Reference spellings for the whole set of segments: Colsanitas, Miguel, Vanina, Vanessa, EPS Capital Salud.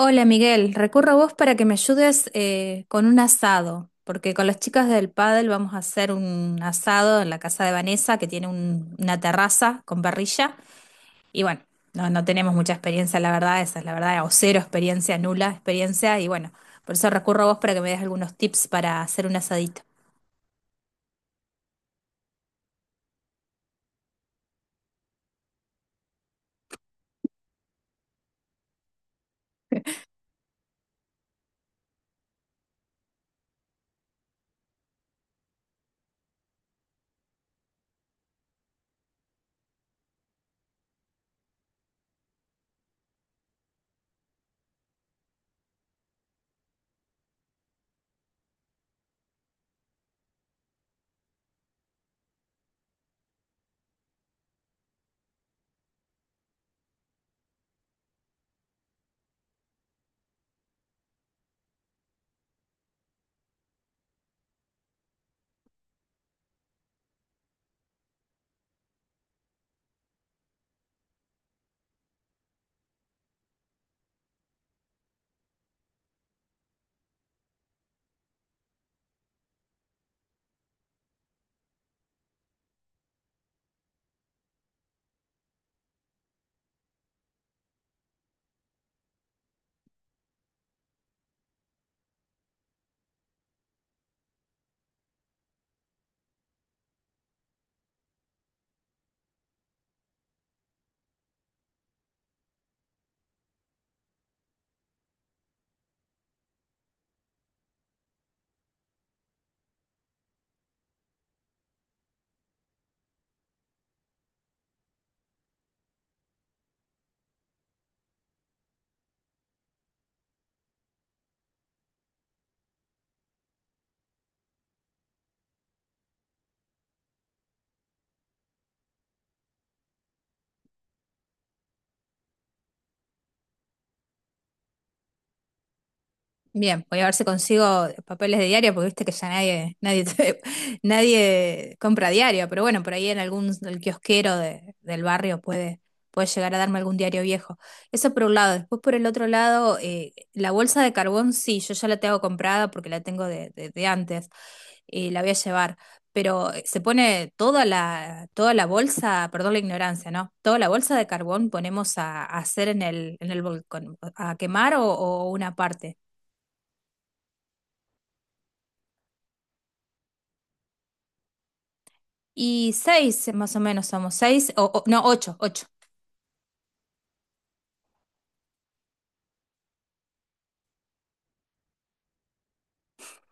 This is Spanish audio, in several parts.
Hola Miguel, recurro a vos para que me ayudes con un asado, porque con las chicas del pádel vamos a hacer un asado en la casa de Vanessa que tiene una terraza con parrilla y bueno, no tenemos mucha experiencia, la verdad, esa es la verdad, o cero experiencia, nula experiencia y bueno, por eso recurro a vos para que me des algunos tips para hacer un asadito. Bien, voy a ver si consigo papeles de diario, porque viste que ya nadie, nadie, nadie compra diario, pero bueno, por ahí en algún el kiosquero del barrio puede, puede llegar a darme algún diario viejo. Eso por un lado. Después por el otro lado, la bolsa de carbón sí, yo ya la tengo comprada porque la tengo de, de antes y la voy a llevar. Pero se pone toda la bolsa, perdón la ignorancia, ¿no? Toda la bolsa de carbón ponemos a hacer en el volcán, a quemar o una parte. Y seis, más o menos somos seis, o no, ocho, ocho.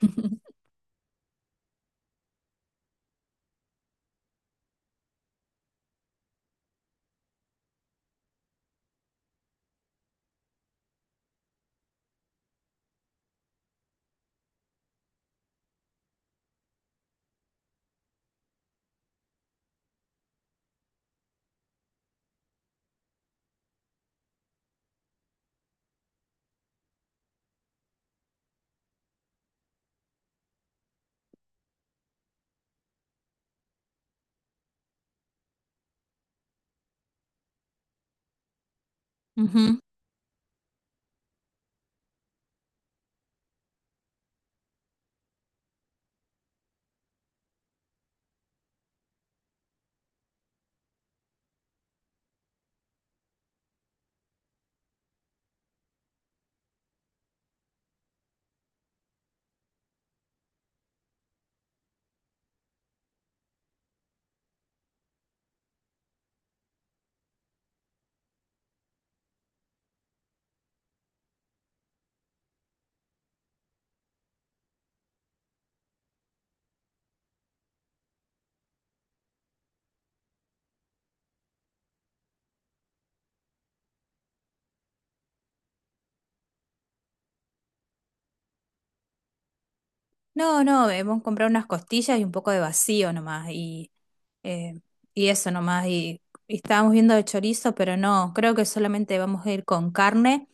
Ujú. No, no, hemos comprado unas costillas y un poco de vacío nomás. Eh, y eso nomás. Y estábamos viendo de chorizo, pero no, creo que solamente vamos a ir con carne.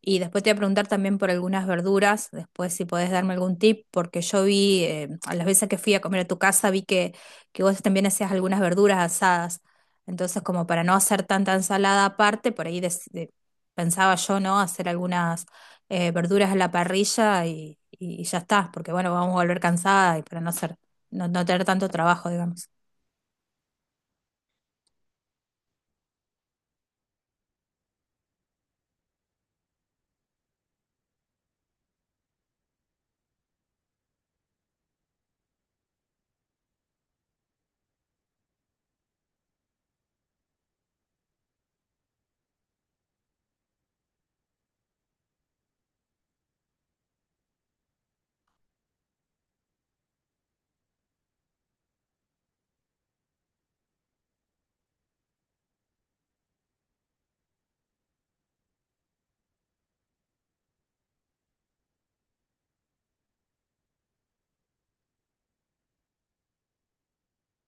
Y después te voy a preguntar también por algunas verduras, después si podés darme algún tip, porque yo vi, a las veces que fui a comer a tu casa, vi que vos también hacías algunas verduras asadas. Entonces, como para no hacer tanta ensalada aparte, por ahí pensaba yo, ¿no? Hacer algunas verduras a la parrilla y ya está, porque bueno, vamos a volver cansada y para no hacer, no tener tanto trabajo, digamos.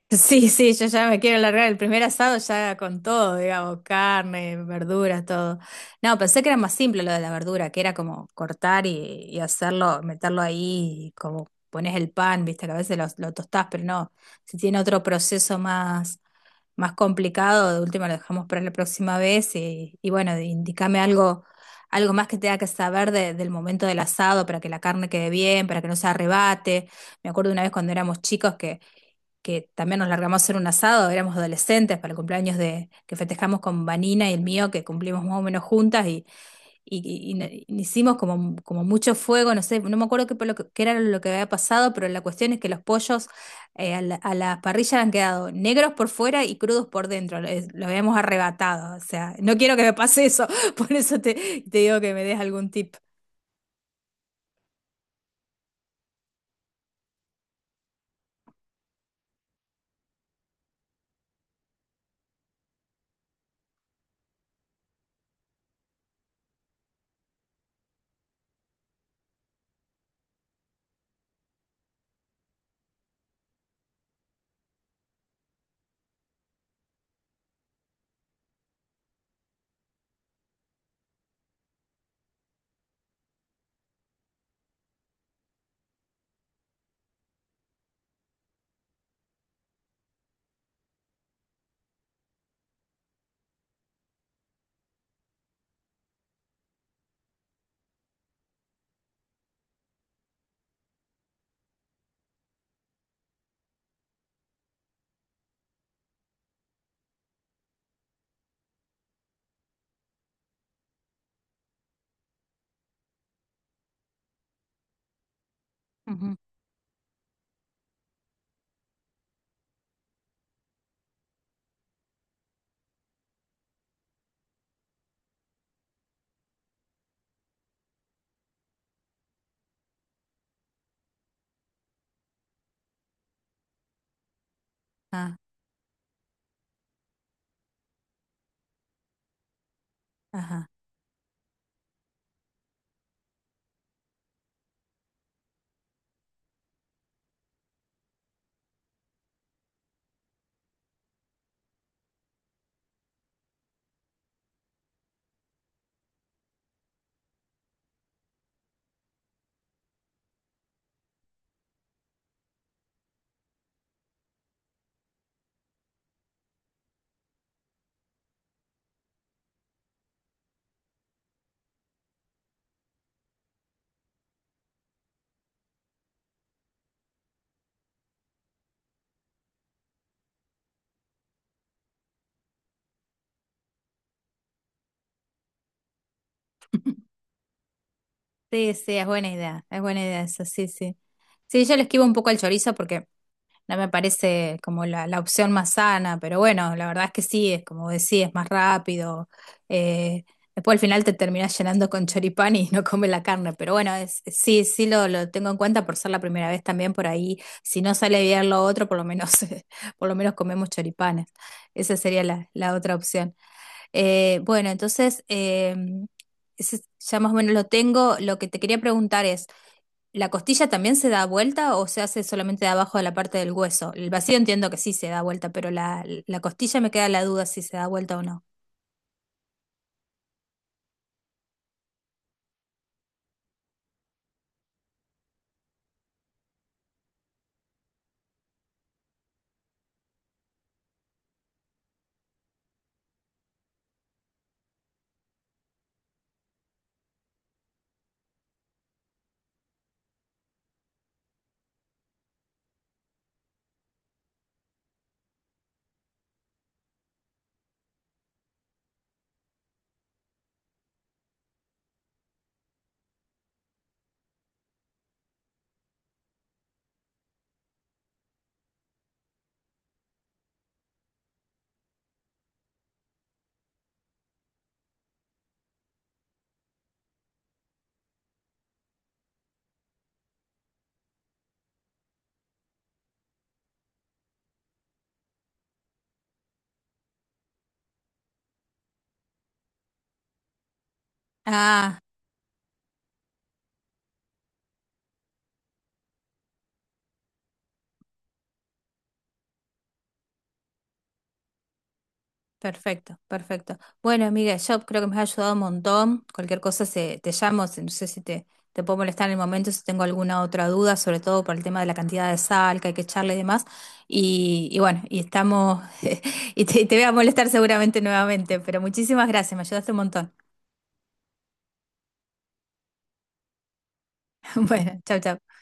Sí, sí, yo ya me quiero largar. El primer asado ya con todo, digamos, carne, verduras, todo. No, pensé que era más simple lo de la verdura, que era como cortar y hacerlo, meterlo ahí, y como pones el pan, viste, que a veces lo tostás, pero no, si tiene otro proceso más, más complicado, de última lo dejamos para la próxima vez y bueno, indícame algo, algo más que tenga que saber del momento del asado para que la carne quede bien, para que no se arrebate. Me acuerdo una vez cuando éramos chicos que también nos largamos a hacer un asado, éramos adolescentes para el cumpleaños de, que festejamos con Vanina y el mío, que cumplimos más o menos juntas y, hicimos como, como mucho fuego, no sé, no me acuerdo qué, qué era lo que había pasado, pero la cuestión es que los pollos a la parrilla han quedado negros por fuera y crudos por dentro, lo habíamos arrebatado, o sea, no quiero que me pase eso, por eso te, te digo que me des algún tip. Ujú. Ah, ajá. Sí, sí, es buena idea eso, sí, sí. Sí, yo le esquivo un poco al chorizo porque no me parece como la opción más sana, pero bueno, la verdad es que sí, es como decís, es más rápido. eh, Después al final te terminás llenando con choripán y no comes la carne, pero bueno, es, sí, sí lo tengo en cuenta por ser la primera vez también por ahí. Si no sale bien lo otro, por lo menos, por lo menos comemos choripanes. Esa sería la, la otra opción. Bueno, entonces, ese ya más o menos lo tengo. Lo que te quería preguntar es... ¿La costilla también se da vuelta o se hace solamente de abajo de la parte del hueso? El vacío entiendo que sí se da vuelta, pero la costilla me queda la duda si se da vuelta o no. Ah, perfecto, perfecto. Bueno, amiga, yo creo que me has ayudado un montón. Cualquier cosa se, te llamo, no sé si te, te puedo molestar en el momento, si tengo alguna otra duda, sobre todo por el tema de la cantidad de sal que hay que echarle y demás. Y bueno, y estamos, y te voy a molestar seguramente nuevamente, pero muchísimas gracias, me ayudaste un montón. Bueno, chau, chau.